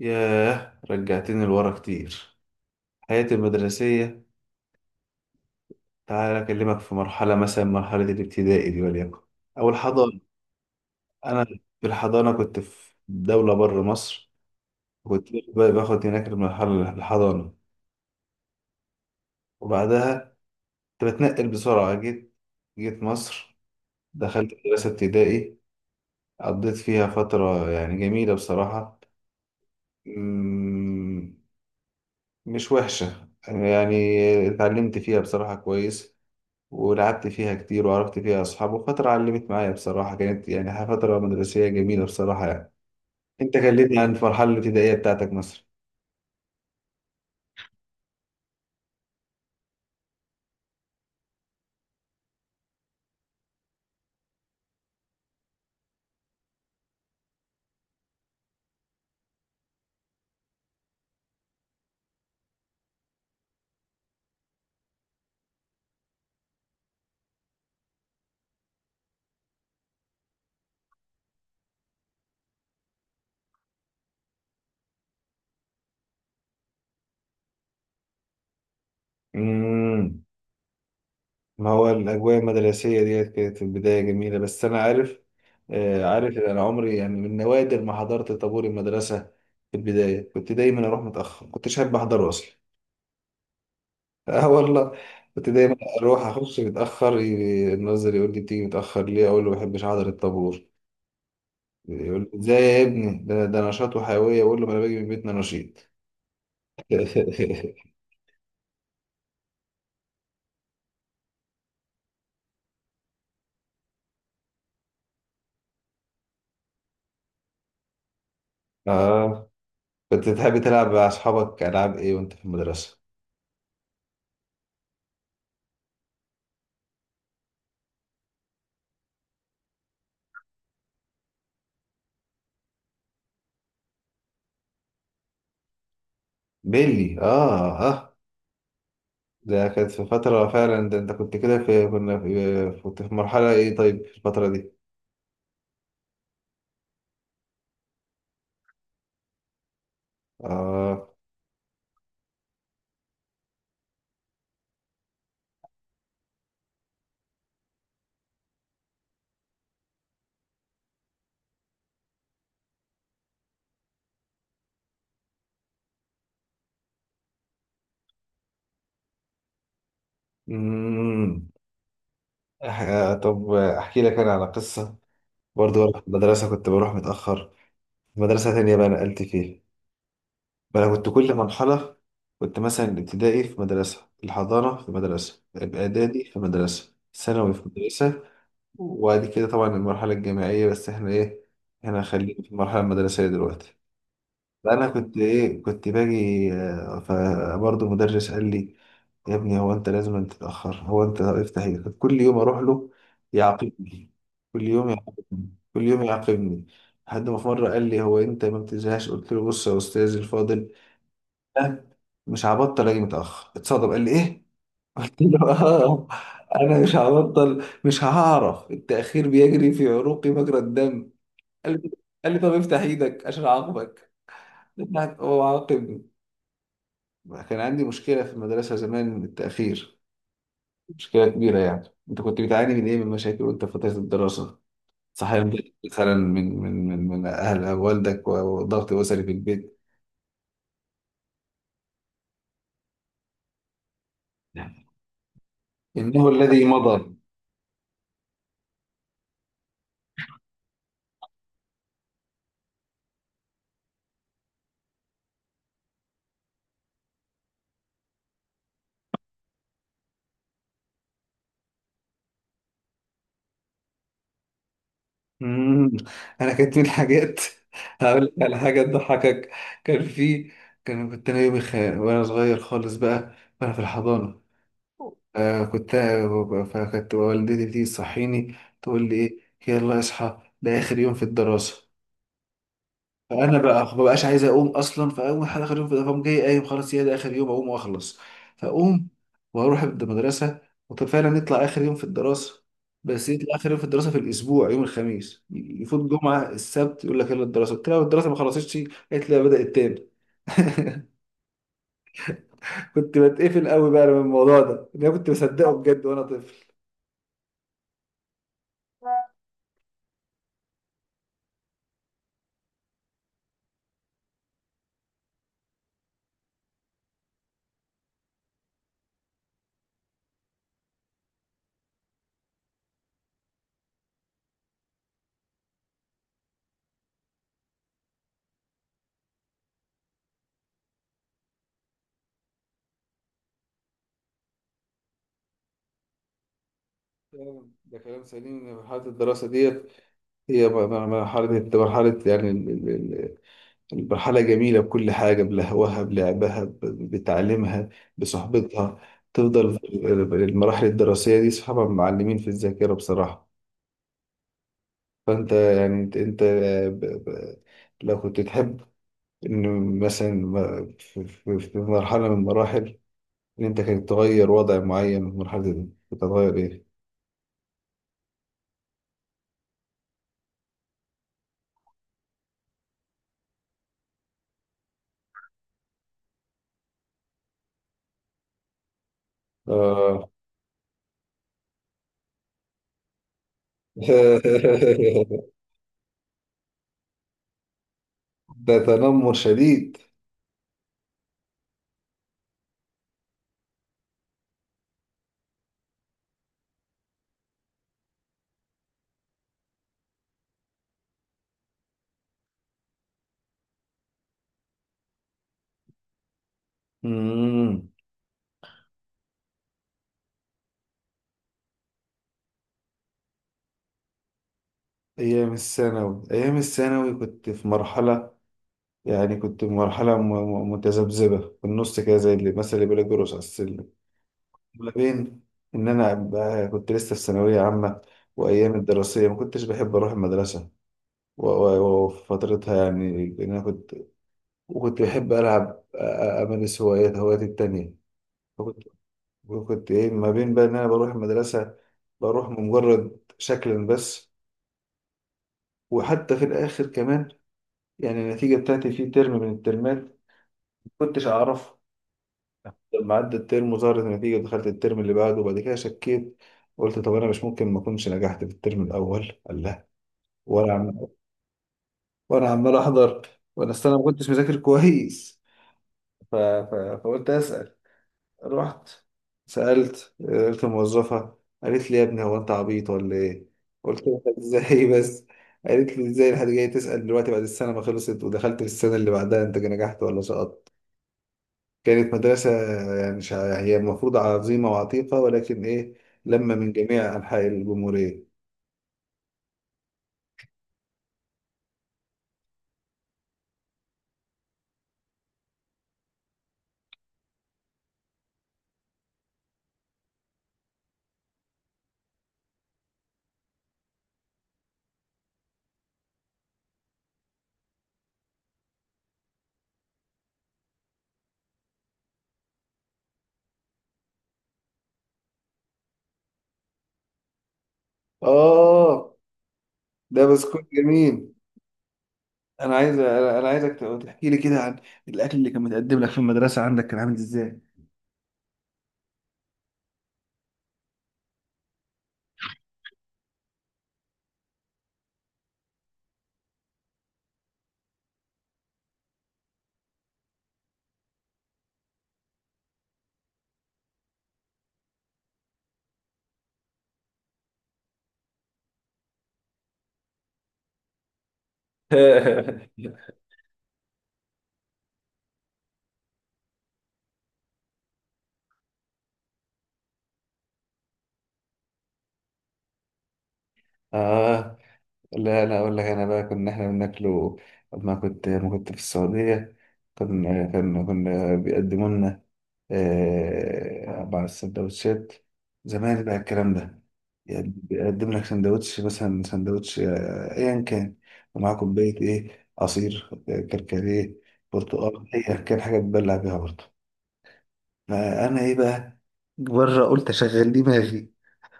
ياه، رجعتني لورا كتير. حياتي المدرسية. تعال أكلمك في مرحلة، مثلا مرحلة الابتدائي دي، وليكن أو الحضانة. أنا في الحضانة كنت في دولة بره مصر. وكنت باخد هناك المرحلة الحضانة. وبعدها كنت بتنقل بسرعة، جيت مصر. دخلت مدرسة ابتدائي، قضيت فيها فترة يعني جميلة بصراحة. مم، مش وحشة يعني. اتعلمت فيها بصراحة كويس، ولعبت فيها كتير، وعرفت فيها أصحاب، وفترة علمت معايا بصراحة. كانت يعني فترة مدرسية جميلة بصراحة يعني. أنت كلمني عن المرحلة الابتدائية بتاعتك مثلا. امم ما هو الأجواء المدرسية ديت كانت في البداية جميلة، بس أنا عارف، عارف إن أنا عمري يعني من نوادر ما حضرت طابور المدرسة. في البداية كنت دايما أروح متأخر، كنتش أحب أحضره أصلا. آه والله. كنت دايما أروح أخش متأخر، الناظر يقول لي بتيجي متأخر ليه؟ أقول له ما بحبش أحضر الطابور. يقول له ازاي يا ابني، ده نشاط وحيوية. يقول له ما انا باجي من بيتنا نشيط. اه. كنت بتحب تلعب مع اصحابك العاب ايه وانت في المدرسة؟ بيلي، اه اه. ده كانت في فترة فعلا، ده انت كنت كده، في كنا في كنت في مرحلة ايه طيب في الفترة دي. اه. مم. طب احكي لك انا على قصة. برضه وأنا في المدرسة كنت بروح متأخر، مدرسة تانية بقى نقلت فيها. بقى أنا كنت كل مرحلة، كنت مثلا الابتدائي في مدرسة، الحضانة في مدرسة، الإعدادي في مدرسة، ثانوي في مدرسة. وبعد كده طبعا المرحلة الجامعية، بس احنا ايه، احنا خلينا في المرحلة المدرسية دلوقتي. فأنا كنت ايه، كنت باجي، فبرضه مدرس قال لي يا ابني، هو انت لازم أن تتأخر؟ هو انت افتح ايه؟ كل يوم اروح له يعاقبني، كل يوم يعاقبني، كل يوم يعاقبني. لحد ما في مرة قال لي هو انت ما بتزهقش؟ قلت له بص يا استاذ الفاضل، لا، مش هبطل اجي متاخر. اتصدم، قال لي ايه؟ قلت له اه، انا مش هبطل، مش هعرف، التاخير بيجري في عروقي مجرى الدم. قال لي قال لي طب افتح ايدك عشان اعاقبك. هو عاقبني. كان عندي مشكله في المدرسه زمان من التاخير، مشكله كبيره. يعني انت كنت بتعاني من ايه من مشاكل وانت في فتره الدراسه؟ صحيح، مثلا من اهل والدك وضغط اسري في البيت؟ انه الذي مضى. مم. انا كانت من الحاجات. هقول لك على حاجه تضحكك. كان في، كان كنت انا يومي وانا صغير خالص بقى، وانا في الحضانه. آه كنت فكانت والدتي تيجي تصحيني، تقول لي ايه، يلا اصحى ده اخر يوم في الدراسه. فانا بقى ما بقاش عايز اقوم اصلا، فاول حاجه اخر يوم في، فقوم جاي قايم خلاص، هي ده اخر يوم، اقوم واخلص. فاقوم واروح المدرسه، وفعلا نطلع اخر يوم في الدراسه. بس يطلع اخر يوم في الدراسه في الاسبوع يوم الخميس، يفوت جمعه السبت يقول لك يلا الدراسه. قلت لها الدراسه ما خلصتش. قالت لي بدات تاني. كنت بتقفل قوي بقى من الموضوع ده، إن انا كنت مصدقه بجد وانا طفل. ده كلام سليم، ان مرحله الدراسه ديت هي مرحله يعني. المرحلة جميلة بكل حاجة، بلهوها، بلعبها، بتعليمها، بصحبتها. تفضل في المراحل الدراسية دي صحابها معلمين في الذاكرة بصراحة. فأنت يعني أنت ب- ب- لو كنت تحب إن مثلا في مرحلة من المراحل، إن أنت كنت تغير وضع معين من المرحلة دي، كنت هتغير إيه؟ آه. ده تنمر شديد. مم. أيام الثانوي، أيام الثانوي كنت في مرحلة، يعني كنت مرحلة متذبذبة في النص كده، زي اللي مثلا بيقول جرس على السلم. ما بين إن أنا كنت لسه في ثانوية عامة، وأيام الدراسية ما كنتش بحب أروح المدرسة، وفي فترتها يعني، لأن أنا كنت، وكنت بحب ألعب، أمارس هوايات هواياتي التانية. وكنت، إيه، ما بين بقى إن أنا بروح المدرسة، بروح مجرد شكلا بس. وحتى في الآخر كمان، يعني النتيجة بتاعتي في ترم من الترمات، كنتش أعرف. لما عدى الترم وظهرت النتيجة، دخلت الترم اللي بعده، وبعد كده شكيت. قلت طب أنا مش ممكن ما أكونش نجحت في الترم الأول. قال لا. وأنا عم... وأنا عمال أحضر، وأنا أصل أنا ما كنتش مذاكر كويس. ف... ف... فقلت أسأل. رحت سألت، قلت الموظفة قالت لي يا ابني هو أنت عبيط ولا إيه؟ قلت لها إزاي بس؟ قالت لي إزاي الحد جاي تسأل دلوقتي بعد السنة ما خلصت ودخلت في السنة اللي بعدها، أنت نجحت ولا سقطت؟ كانت مدرسة، يعني هي المفروض عظيمة وعتيقة، ولكن إيه، لما من جميع أنحاء الجمهورية. آه، ده بسكوت جميل. أنا عايزك تحكي لي كده عن الأكل اللي كان متقدم لك في المدرسة عندك، كان عامل إزاي؟ آه آه. لا لا، اقول لك انا بقى كنا احنا بناكله لما كنت، في السعوديه، كنا بيقدموا لنا، مع السندوتشات زمان بقى الكلام ده. يعني بيقدم لك سندوتش، مثلا سندوتش، ايا كان، ومعاه كوبايه ايه عصير، كركديه، برتقال، ايا كان، حاجه تبلع بيها برضه. فانا ايه بقى، بره، قلت اشغل دماغي.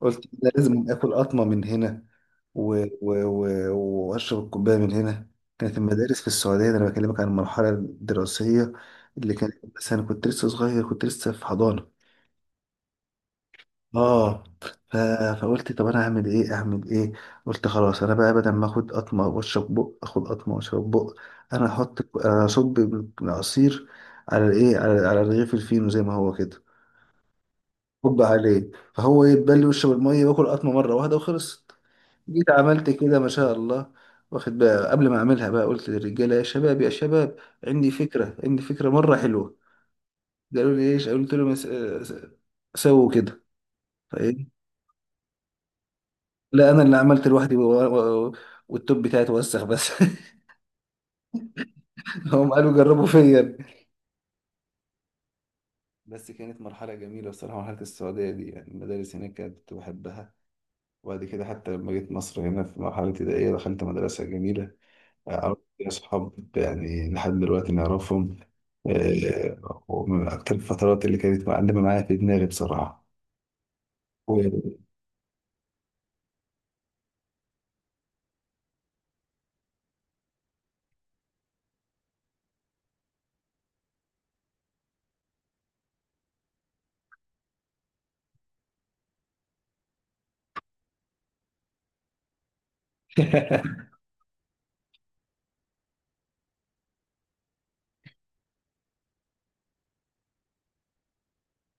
قلت أنا لازم آكل قطمة من هنا، و... و... و... وأشرب الكوباية من هنا. كانت المدارس في السعودية، ده أنا بكلمك عن المرحلة الدراسية اللي كانت، بس أنا كنت لسه صغير، كنت لسه في حضانة. اه. ف... فقلت طب انا اعمل ايه، اعمل ايه. قلت خلاص انا بقى، بدل ما اخد قطمه واشرب بق، اخد قطمه واشرب بق، انا احط، اصب العصير على الايه، على رغيف الفينو زي ما هو كده، هوب عليه، فهو يتبل ويشرب المية وياكل قطمة مرة واحدة وخلصت. جيت عملت كده ما شاء الله. واخد بقى، قبل ما اعملها بقى، قلت للرجاله يا شباب، يا شباب، عندي فكره، عندي فكره مره حلوه. قالوا لي ايش؟ قلت لهم س- سووا كده". فايه، لا انا اللي عملت لوحدي، والتوب بتاعي اتوسخ بس. هم قالوا جربوا فيا. بس كانت مرحله جميله بصراحه، مرحله السعوديه دي. يعني المدارس هناك كانت، كنت بحبها. وبعد كده حتى لما جيت مصر هنا في مرحله ابتدائيه، دخلت مدرسه جميله، عرفت فيها أصحاب يعني لحد دلوقتي نعرفهم. ومن أكتر الفترات اللي كانت معلمة معايا في دماغي بصراحة.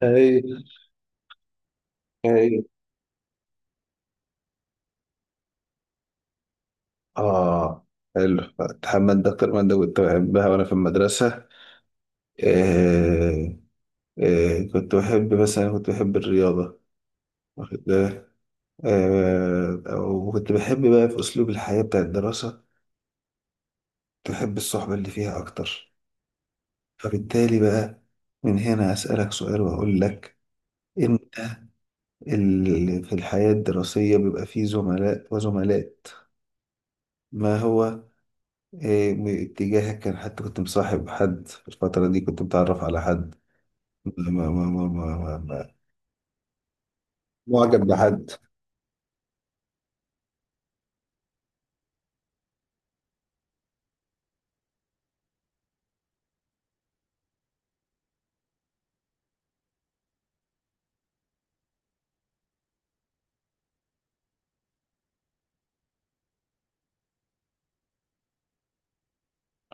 أي أي. آه، حلو. محمد، ده أكتر مادة كنت بحبها وأنا في المدرسة. آه آه. كنت بحب مثلا، كنت بحب الرياضة. واخد بالك. آه، وكنت بحب بقى في أسلوب الحياة بتاع الدراسة، كنت بحب الصحبة اللي فيها أكتر. فبالتالي بقى من هنا أسألك سؤال وأقول لك، انت، في الحياة الدراسية بيبقى فيه زملاء وزملاء. ما هو إيه، اتجاهك كان، حتى كنت مصاحب حد في الفترة دي؟ كنت متعرف على حد؟ ما ما ما ما ما ما ما- معجب بحد؟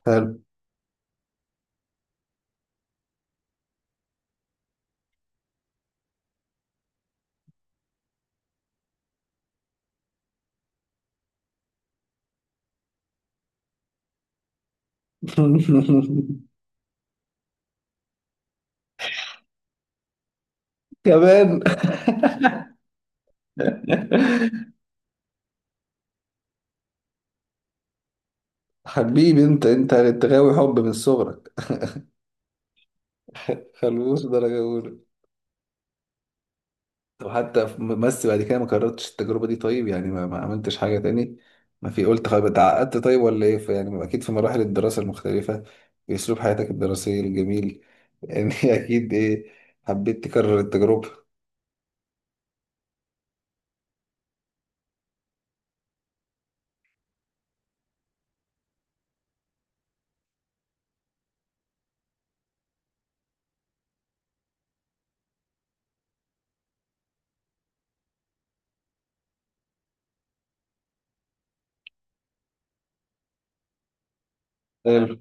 هل كمان. حبيبي، انت غاوي حب من صغرك. خلوص درجة أولى. طب حتى بس بعد كده ما كررتش التجربة دي طيب؟ يعني ما عملتش حاجة تاني. ما في، قلت خلاص اتعقدت طيب ولا ايه، في يعني أكيد في مراحل الدراسة المختلفة في أسلوب حياتك الدراسية الجميل، يعني أكيد ايه، حبيت تكرر التجربة. حلو.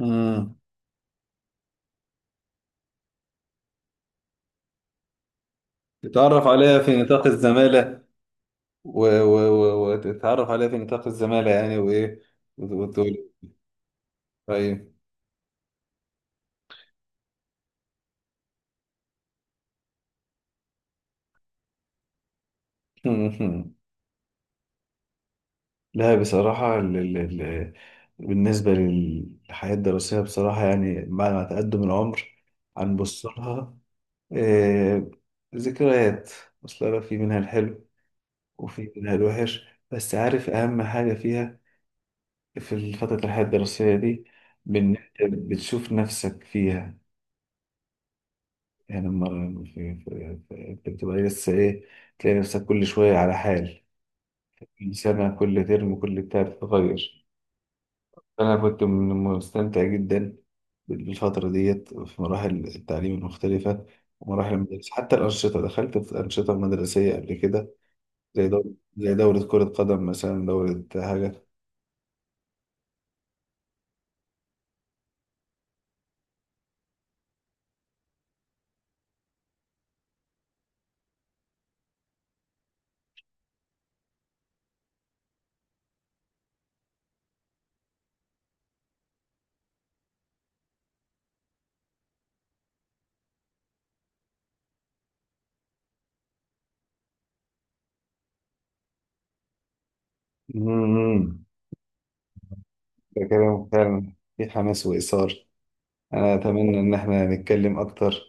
امم تتعرف عليها في نطاق الزمالة، و... و... وتتعرف عليها في نطاق الزمالة يعني، وإيه، وتقول طيب. لا بصراحة، ال بالنسبة للحياة الدراسية بصراحة، يعني بعد ما تقدم العمر هنبص لها، آه، ذكريات. أصل أنا في منها الحلو، وفي منها الوحش. بس عارف أهم حاجة فيها في فترة الحياة الدراسية دي، بإن أنت بتشوف نفسك فيها، يعني لما أنت بتبقى لسه إيه، تلاقي نفسك كل شوية على حال، كل سنة، كل ترم، كل بتاع بتتغير. أنا كنت مستمتع جدا بالفترة ديت في مراحل التعليم المختلفة، ومراحل المدارس. حتى الأنشطة، دخلت في أنشطة مدرسية قبل كده، زي دورة زي دورة كرة قدم مثلا، دورة حاجة. مم. ده كلام فعلا في حماس وإثار. أنا أتمنى إن إحنا نتكلم أكتر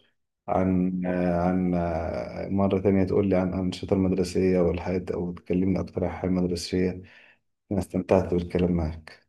عن مرة تانية تقول لي عن الأنشطة المدرسية والحياة، أو تكلمني أكتر عن الحياة المدرسية. أنا استمتعت بالكلام معك.